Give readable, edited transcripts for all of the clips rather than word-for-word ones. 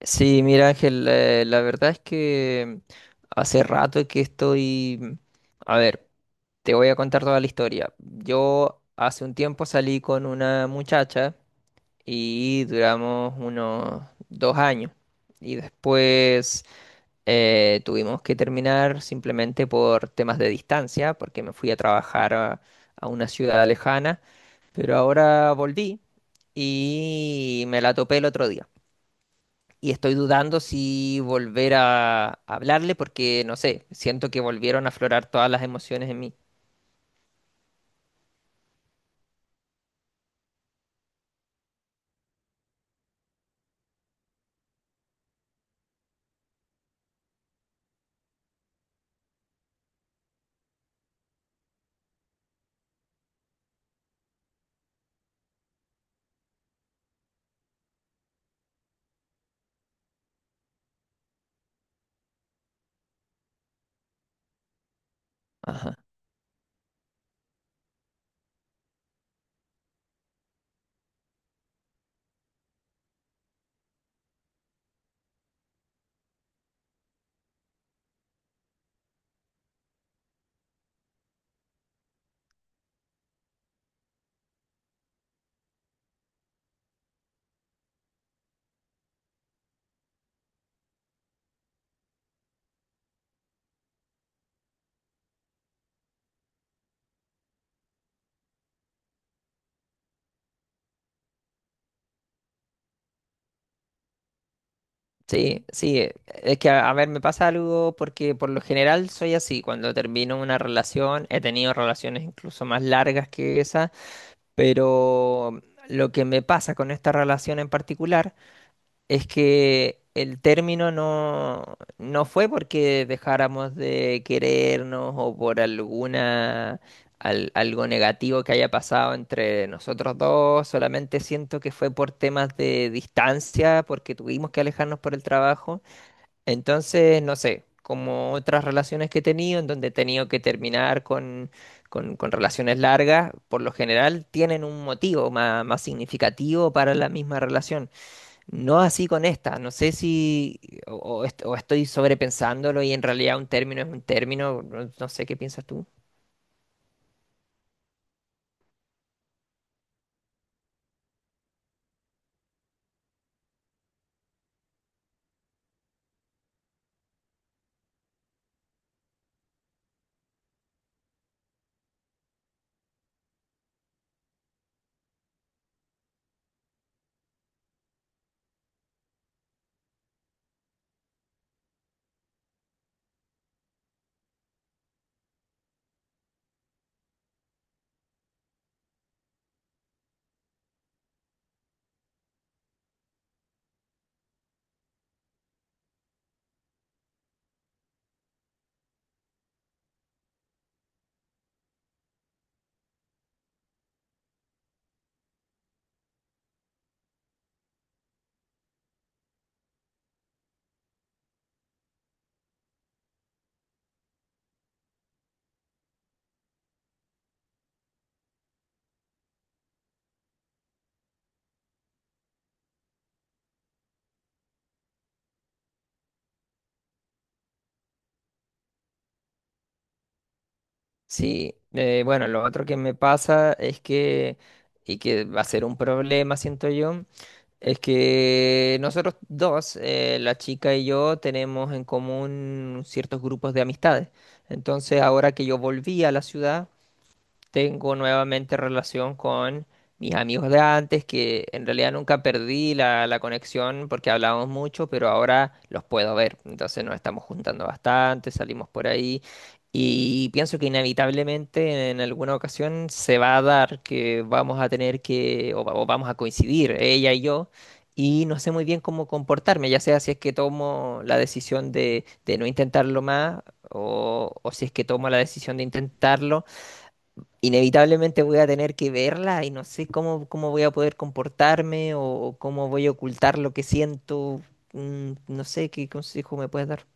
Sí, mira Ángel, la verdad es que hace rato que estoy. A ver, te voy a contar toda la historia. Yo hace un tiempo salí con una muchacha y duramos unos 2 años. Y después tuvimos que terminar simplemente por temas de distancia, porque me fui a trabajar a una ciudad lejana. Pero ahora volví y me la topé el otro día y estoy dudando si volver a hablarle porque, no sé, siento que volvieron a aflorar todas las emociones en mí. Ajá. Sí, sí, es que a ver, me pasa algo porque por lo general soy así, cuando termino una relación, he tenido relaciones incluso más largas que esa, pero lo que me pasa con esta relación en particular es que el término no fue porque dejáramos de querernos o por alguna algo negativo que haya pasado entre nosotros dos, solamente siento que fue por temas de distancia, porque tuvimos que alejarnos por el trabajo. Entonces, no sé, como otras relaciones que he tenido, en donde he tenido que terminar con relaciones largas, por lo general tienen un motivo más significativo para la misma relación. No así con esta, no sé si o, o estoy sobrepensándolo y en realidad un término es un término, no, no sé qué piensas tú. Sí, bueno, lo otro que me pasa es que, y que va a ser un problema, siento yo, es que nosotros dos, la chica y yo, tenemos en común ciertos grupos de amistades. Entonces, ahora que yo volví a la ciudad, tengo nuevamente relación con mis amigos de antes, que en realidad nunca perdí la conexión porque hablábamos mucho, pero ahora los puedo ver. Entonces nos estamos juntando bastante, salimos por ahí y pienso que inevitablemente en alguna ocasión se va a dar que vamos a tener o vamos a coincidir, ella y yo. Y no sé muy bien cómo comportarme, ya sea si es que tomo la decisión de no intentarlo más o si es que tomo la decisión de intentarlo, inevitablemente voy a tener que verla y no sé cómo voy a poder comportarme o cómo voy a ocultar lo que siento. No sé qué consejo me puedes dar.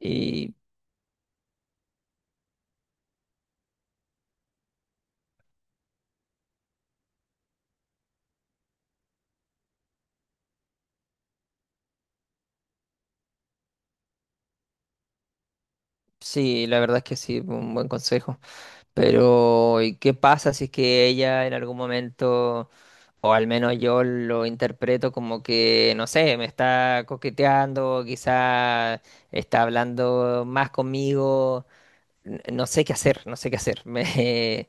Y sí, la verdad es que sí, un buen consejo. Pero, ¿y qué pasa si es que ella en algún momento, o al menos yo lo interpreto como que, no sé, me está coqueteando, quizá está hablando más conmigo? No sé qué hacer, no sé qué hacer.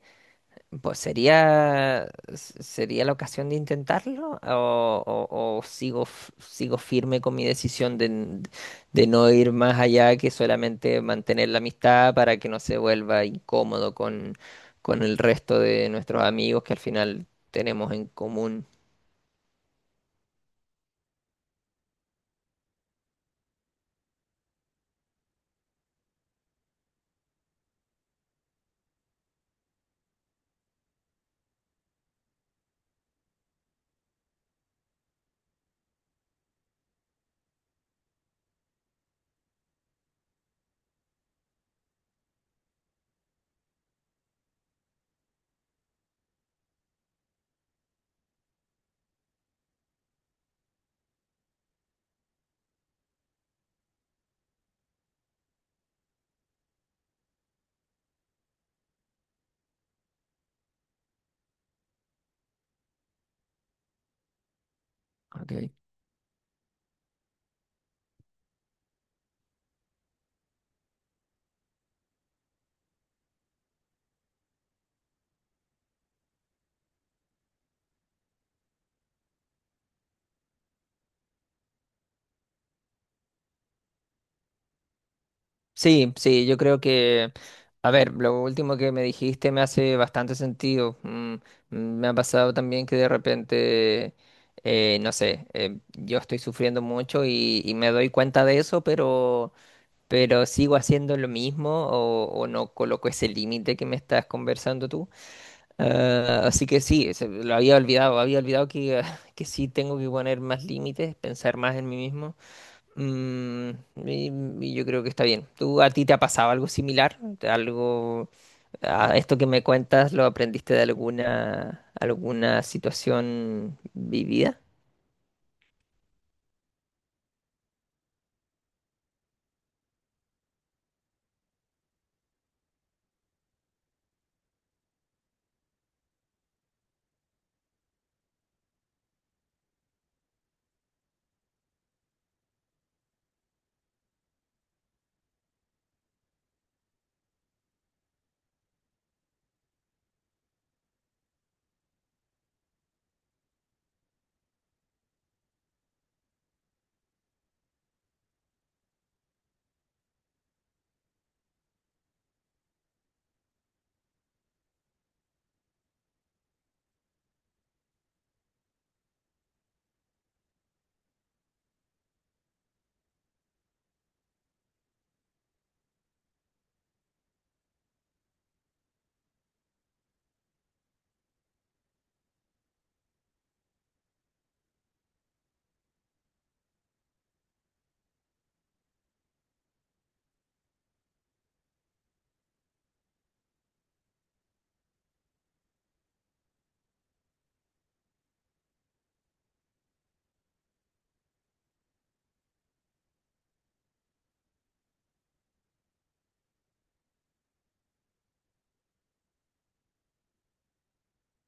Pues sería, sería la ocasión de intentarlo o sigo, sigo firme con mi decisión de, de no ir más allá que solamente mantener la amistad para que no se vuelva incómodo con el resto de nuestros amigos que al final tenemos en común. Ok. Sí, sí, yo creo que, a ver, lo último que me dijiste me hace bastante sentido. Me ha pasado también que de repente, no sé, yo estoy sufriendo mucho y me doy cuenta de eso, pero sigo haciendo lo mismo o no coloco ese límite que me estás conversando tú. Ah, así que sí, lo había olvidado que, que sí tengo que poner más límites, pensar más en mí mismo. Mm, y- y yo creo que está bien. ¿Tú a ti te ha pasado algo similar? ¿Algo a esto que me cuentas lo aprendiste de alguna alguna situación vivida?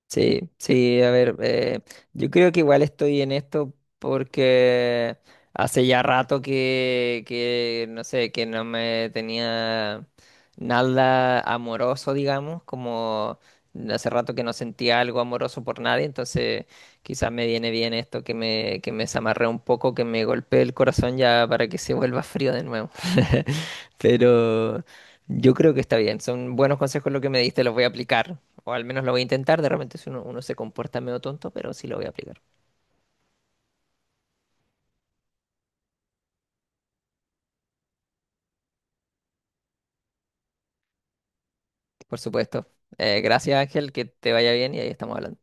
Sí, sí, a ver, yo creo que igual estoy en esto porque hace ya rato no sé, que no me tenía nada amoroso, digamos, como hace rato que no sentía algo amoroso por nadie, entonces quizás me viene bien esto que me desamarré un poco, que me golpee el corazón ya para que se vuelva frío de nuevo. Pero yo creo que está bien, son buenos consejos lo que me diste, los voy a aplicar. O al menos lo voy a intentar, de repente si uno se comporta medio tonto, pero sí lo voy a aplicar. Por supuesto. Gracias Ángel, que te vaya bien y ahí estamos hablando.